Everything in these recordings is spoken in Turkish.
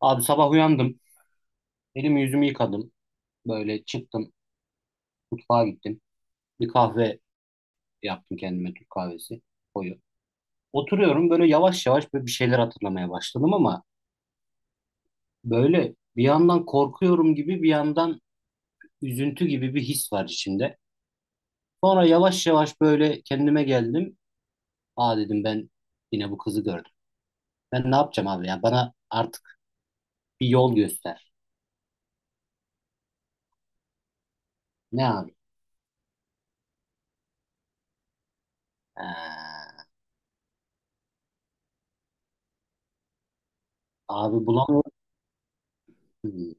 Abi sabah uyandım. Elimi yüzümü yıkadım. Böyle çıktım. Mutfağa gittim. Bir kahve yaptım kendime. Türk kahvesi. Koyu. Oturuyorum böyle yavaş yavaş böyle bir şeyler hatırlamaya başladım ama böyle bir yandan korkuyorum gibi bir yandan üzüntü gibi bir his var içinde. Sonra yavaş yavaş böyle kendime geldim. Aa dedim ben yine bu kızı gördüm. Ben ne yapacağım abi ya? Bana artık bir yol göster. Ne abi? Ha, abi bulamıyorum. Hı,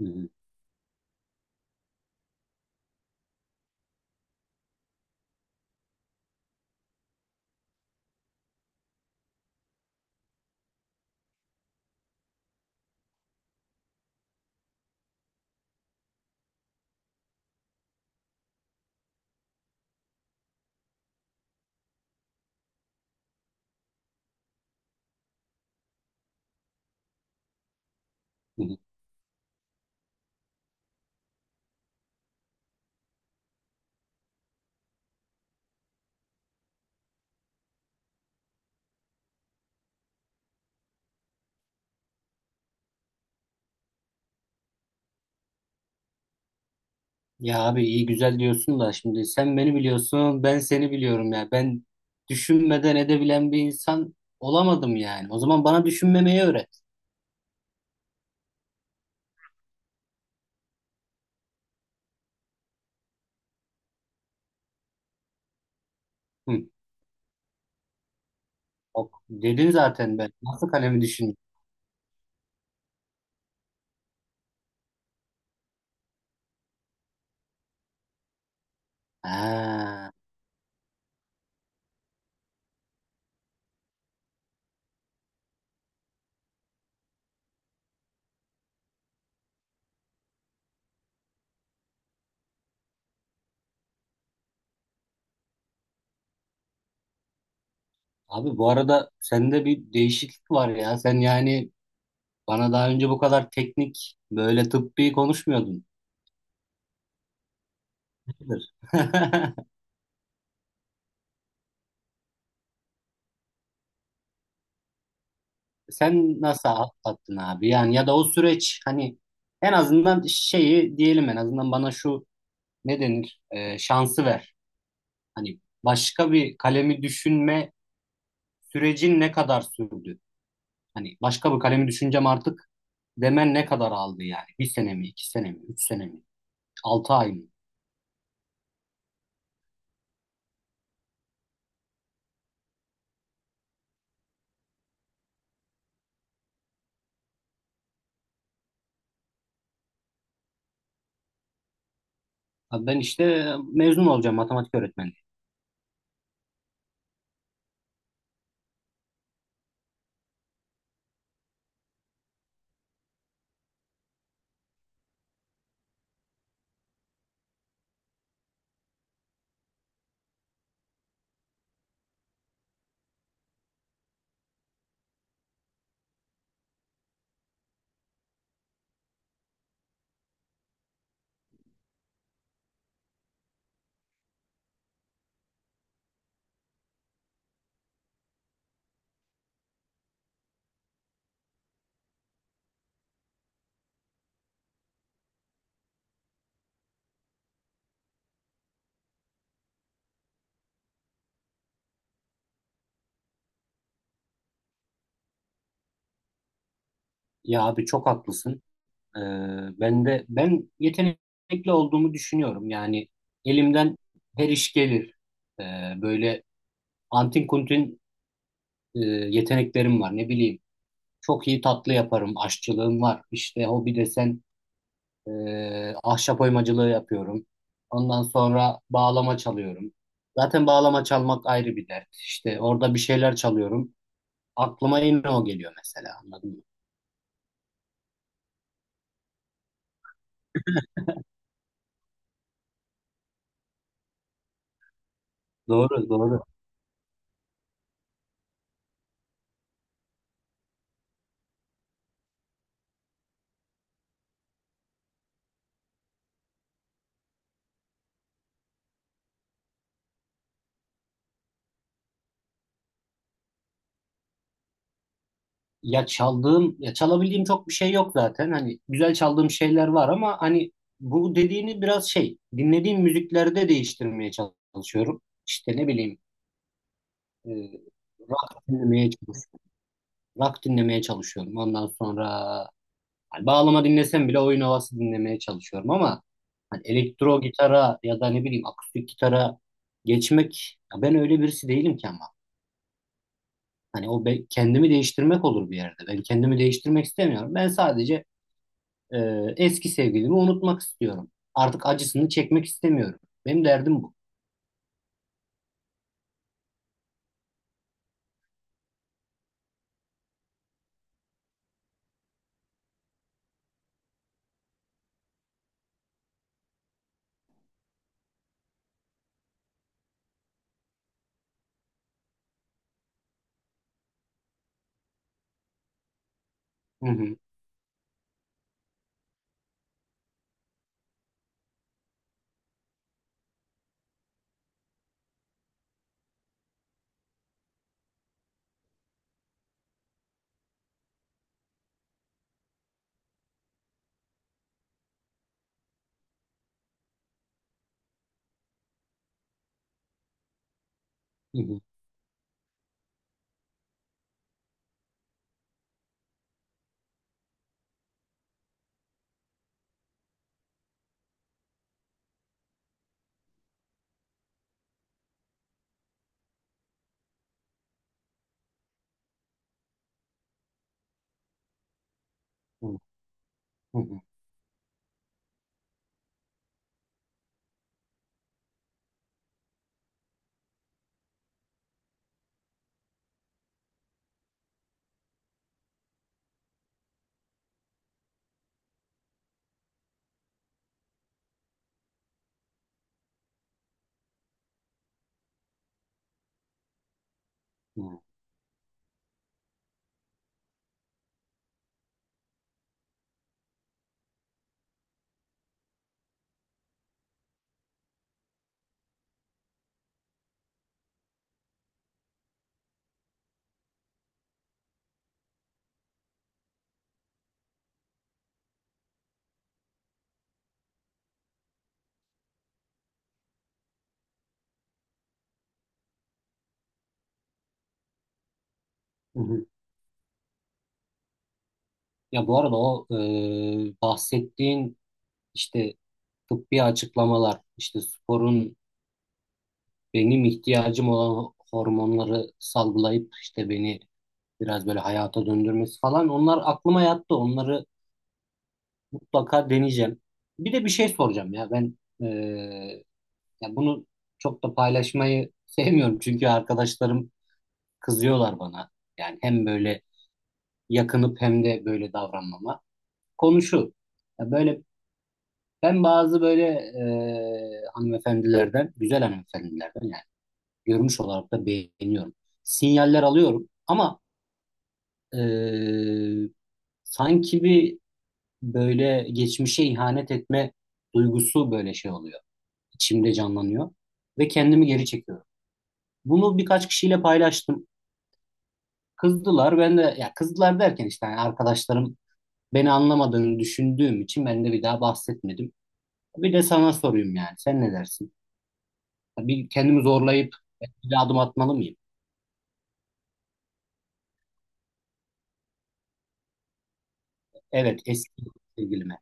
hı, hı. Ya abi iyi güzel diyorsun da şimdi sen beni biliyorsun ben seni biliyorum ya. Ben düşünmeden edebilen bir insan olamadım yani. O zaman bana düşünmemeyi öğret. Hı. Ok, dedin zaten ben. Nasıl kalemi düşün? Ha. Abi bu arada sende bir değişiklik var ya. Sen yani bana daha önce bu kadar teknik böyle tıbbi konuşmuyordun. Nedir? Sen nasıl atlattın abi? Yani ya da o süreç hani en azından şeyi diyelim en azından bana şu ne denir? Şansı ver. Hani başka bir kalemi düşünme sürecin ne kadar sürdü? Hani başka bir kalemi düşüneceğim artık demen ne kadar aldı yani? Bir sene mi, iki sene mi, üç sene mi, altı ay mı? Abi ben işte mezun olacağım matematik öğretmeni. Ya abi çok haklısın. Ee, Ben de ben yetenekli olduğumu düşünüyorum. Yani elimden her iş gelir. Ee, Böyle antin kuntin e, yeteneklerim var. Ne bileyim, çok iyi tatlı yaparım. Aşçılığım var. İşte hobi desen e, ahşap oymacılığı yapıyorum. Ondan sonra bağlama çalıyorum. Zaten bağlama çalmak ayrı bir dert. İşte orada bir şeyler çalıyorum. Aklıma yine o geliyor mesela. Anladın mı? Doğru, doğru. Ya çaldığım, ya çalabildiğim çok bir şey yok zaten. Hani güzel çaldığım şeyler var ama hani bu dediğini biraz şey, dinlediğim müziklerde değiştirmeye çalışıyorum. İşte ne bileyim, e, rock dinlemeye çalışıyorum. Rock dinlemeye çalışıyorum. Ondan sonra hani bağlama dinlesem bile oyun havası dinlemeye çalışıyorum ama hani elektro gitara ya da ne bileyim akustik gitara geçmek ya ben öyle birisi değilim ki ama. Hani kendimi değiştirmek olur bir yerde. Ben kendimi değiştirmek istemiyorum. Ben sadece e, eski sevgilimi unutmak istiyorum. Artık acısını çekmek istemiyorum. Benim derdim bu. Hı hı, hı hı, hı hı, hı hı, hı hı. Ya bu arada o bahsettiğin işte tıbbi açıklamalar, işte sporun benim ihtiyacım olan hormonları salgılayıp işte beni biraz böyle hayata döndürmesi falan onlar aklıma yattı. Onları mutlaka deneyeceğim. Bir de bir şey soracağım ya ben eee, ya bunu çok da paylaşmayı sevmiyorum çünkü arkadaşlarım kızıyorlar bana. Yani hem böyle yakınıp hem de böyle davranmama. Konu şu. Ya böyle ben bazı böyle hanımefendilerden, güzel hanımefendilerden görünüş olarak da beğeniyorum. Sinyaller alıyorum ama e, sanki bir böyle geçmişe ihanet etme duygusu böyle şey oluyor. İçimde canlanıyor ve kendimi geri çekiyorum. Bunu birkaç kişiyle paylaştım. Kızdılar. Ben de ya kızdılar derken işte yani arkadaşlarım beni anlamadığını düşündüğüm için ben de bir daha bahsetmedim. Bir de sana sorayım yani. Sen ne dersin? Bir kendimi zorlayıp bir adım atmalı mıyım? Evet, eski sevgilime.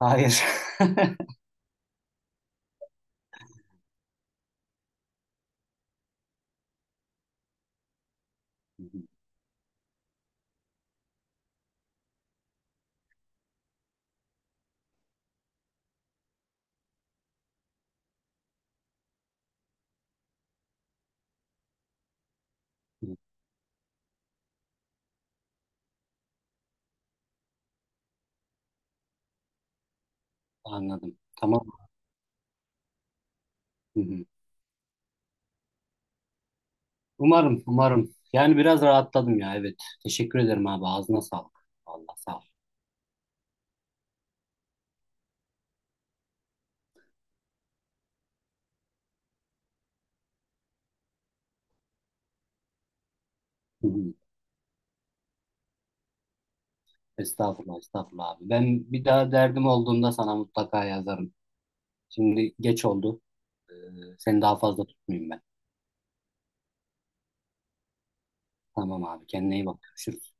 Hayır. Hı, anladım. Tamam. Hı hı. Umarım, umarım. Yani biraz rahatladım ya. Evet. Teşekkür ederim abi. Ağzına sağlık. Allah sağ ol. Hı hı. Estağfurullah, estağfurullah abi. Ben bir daha derdim olduğunda sana mutlaka yazarım. Şimdi geç oldu. Ee, Seni daha fazla tutmayayım ben. Tamam abi. Kendine iyi bak. Görüşürüz.